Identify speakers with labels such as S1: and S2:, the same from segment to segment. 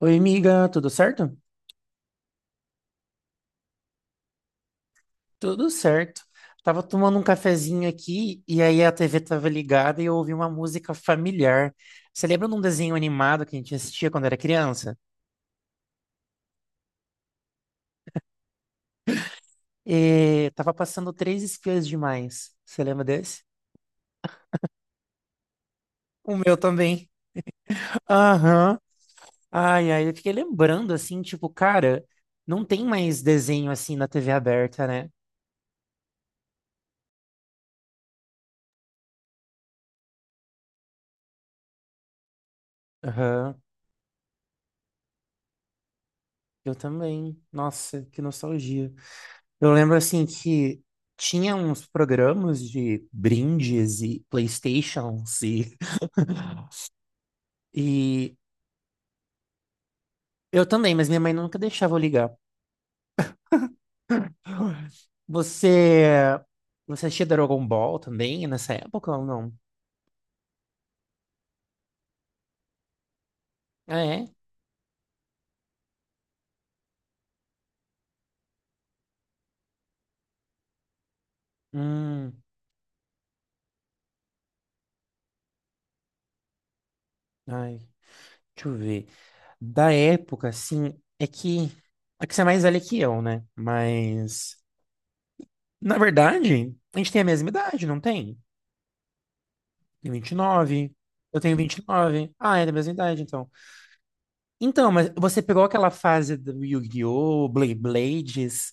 S1: Oi, amiga, tudo certo? Tudo certo. Tava tomando um cafezinho aqui e aí a TV tava ligada e eu ouvi uma música familiar. Você lembra de um desenho animado que a gente assistia quando era criança? E tava passando Três Espiãs Demais. Você lembra desse? O meu também. Aham. Ai, ai, eu fiquei lembrando assim, tipo, cara, não tem mais desenho assim na TV aberta, né? Aham. Eu também. Nossa, que nostalgia. Eu lembro assim que tinha uns programas de brindes e PlayStations e eu também, mas minha mãe nunca deixava eu ligar. Você você assistia Dragon Ball também nessa época ou não? Ah, é? Hum, ai, deixa eu ver. Da época, assim, é que você é mais velha que eu, né? Mas na verdade, a gente tem a mesma idade, não tem? Tem 29. Eu tenho 29. Ah, é da mesma idade, então. Então, mas você pegou aquela fase do Yu-Gi-Oh! Blade Blades?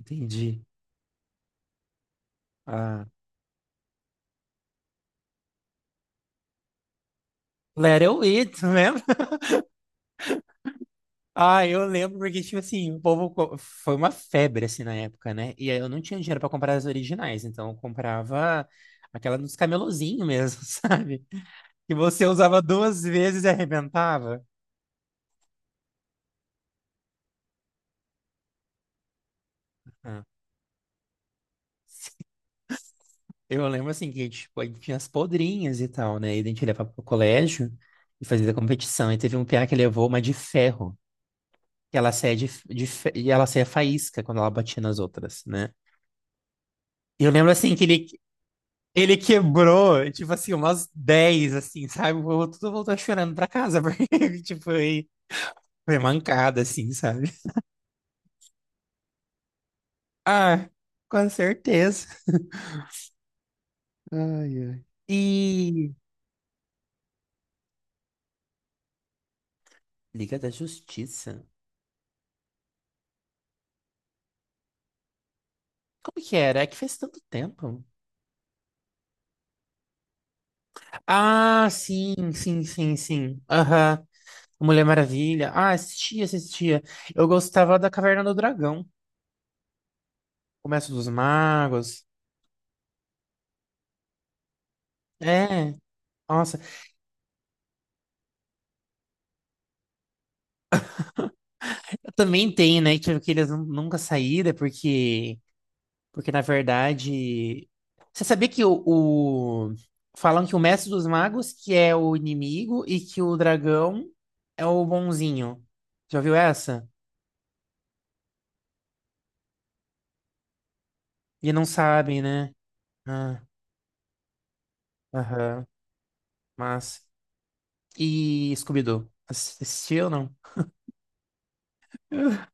S1: Entendi. Ah. Let It, lembra? Ah, eu lembro porque, tipo assim, o povo foi uma febre, assim, na época, né? E aí eu não tinha dinheiro pra comprar as originais, então eu comprava aquela dos camelozinhos mesmo, sabe? Que você usava duas vezes e arrebentava. Ah. Eu lembro assim que tipo, a gente tinha as podrinhas e tal, né? E a gente levava pro colégio e fazia competição. E teve um piá que levou uma de ferro, que ela saia de e ela saia faísca quando ela batia nas outras, né? E eu lembro assim que ele quebrou, tipo assim, umas 10 assim, sabe? Tudo voltou chorando pra casa, porque, tipo, foi mancada, assim, sabe? Ah, com certeza. Ai, ai. E Liga da Justiça. Como que era? É que faz tanto tempo. Ah, sim, sim, sim, sim. Aham. Mulher Maravilha. Ah, assistia, assistia. Eu gostava da Caverna do Dragão. Comércio dos Magos. É. Nossa, também tem, né? Tipo, que eles nunca saíram, porque, na verdade. Você sabia que falam que o Mestre dos Magos que é o inimigo e que o dragão é o bonzinho. Já viu essa? E não sabe, né? Ah, aham. Mas. E Scooby-Doo? Assistiu ou não?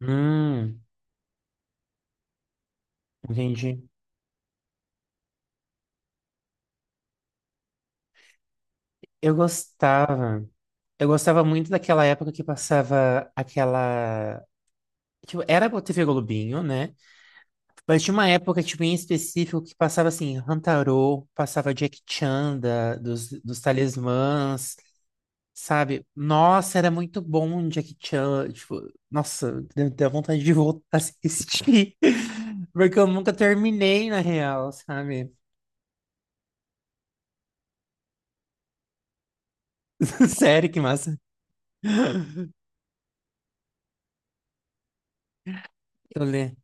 S1: Hum, entendi. Eu gostava. Eu gostava muito daquela época que passava aquela. Tipo, era a TV Globinho, né? Mas tinha uma época, tipo, em específico que passava, assim, Hantaro, passava Jack Chan dos Talismãs, sabe? Nossa, era muito bom um Jack Chan. Tipo, nossa, deu vontade de voltar a assistir. Porque eu nunca terminei, na real, sabe? Sério, que massa. Eu lembro.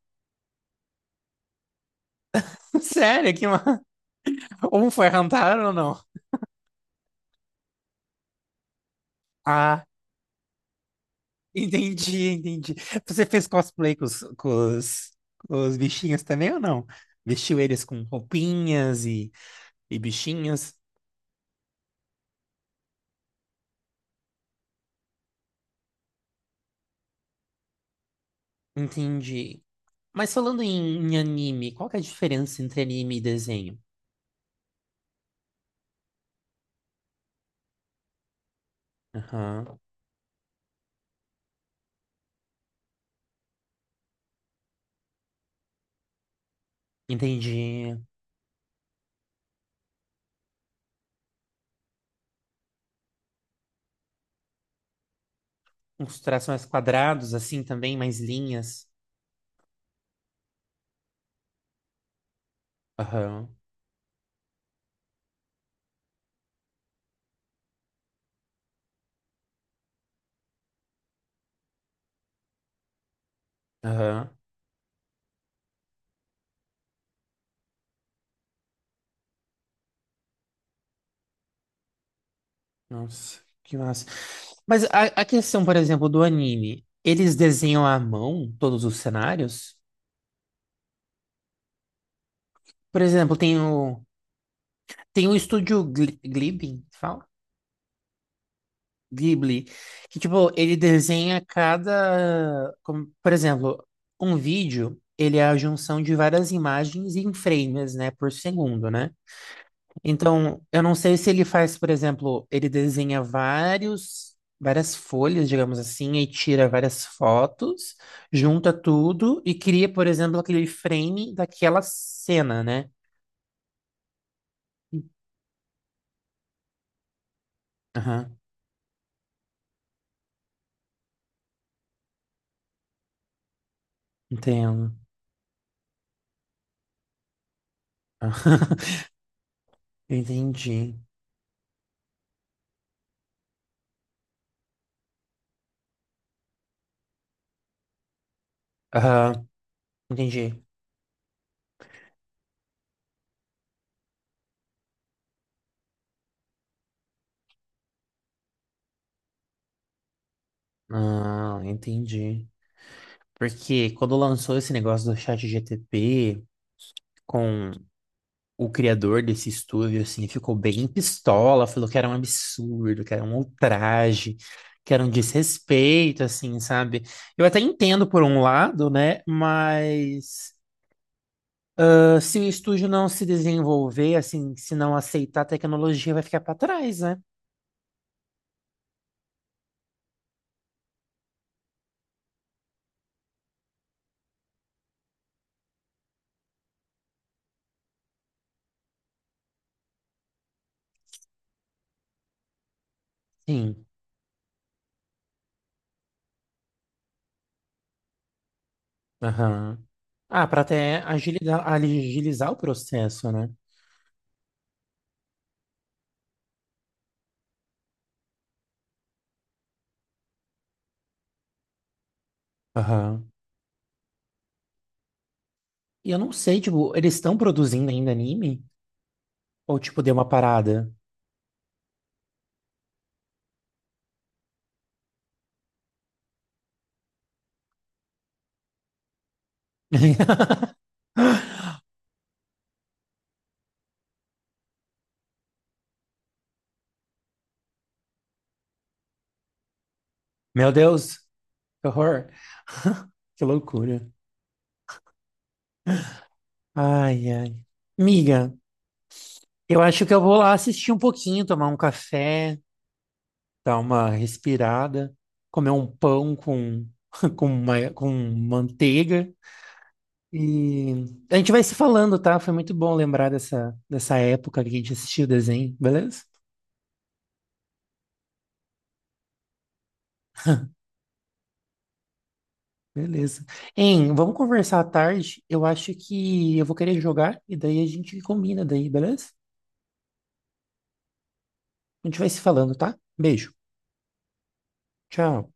S1: Sério, que massa. Um foi Hantaro ou não? Ah. Entendi, entendi. Você fez cosplay os, com os bichinhos também ou não? Vestiu eles com roupinhas e bichinhos? Entendi. Mas falando em anime, qual que é a diferença entre anime e desenho? Aham. Entendi. Uns traços mais quadrados, assim também, mais linhas. Aham, aham. Nossa, que massa. Mas a questão, por exemplo, do anime, eles desenham à mão todos os cenários? Por exemplo, tem o. Tem um estúdio Glibin, fala? Ghibli, que tipo, ele desenha cada, como, por exemplo, um vídeo, ele é a junção de várias imagens em frames, né, por segundo, né? Então, eu não sei se ele faz, por exemplo, ele desenha vários várias folhas, digamos assim, e tira várias fotos, junta tudo e cria, por exemplo, aquele frame daquela cena, né? Aham, entendo. Entendi. Aham, entendi. Ah, entendi. Porque quando lançou esse negócio do chat GTP com o criador desse estúdio, assim, ficou bem pistola, falou que era um absurdo, que era um ultraje, que era um desrespeito, assim, sabe? Eu até entendo por um lado, né? Mas ah, se o estúdio não se desenvolver, assim, se não aceitar a tecnologia, vai ficar para trás, né? Sim. Aham. Ah, para até agilizar, agilizar o processo, né? Aham. E eu não sei, tipo, eles estão produzindo ainda anime? Ou, tipo, deu uma parada? Meu Deus, que horror. Que loucura. Ai, ai. Miga, eu acho que eu vou lá assistir um pouquinho, tomar um café, dar uma respirada, comer um pão com, com, com manteiga. E a gente vai se falando, tá? Foi muito bom lembrar dessa, dessa época que a gente assistiu o desenho, beleza? Beleza. Hein, vamos conversar à tarde. Eu acho que eu vou querer jogar e daí a gente combina daí, beleza? A gente vai se falando, tá? Beijo. Tchau.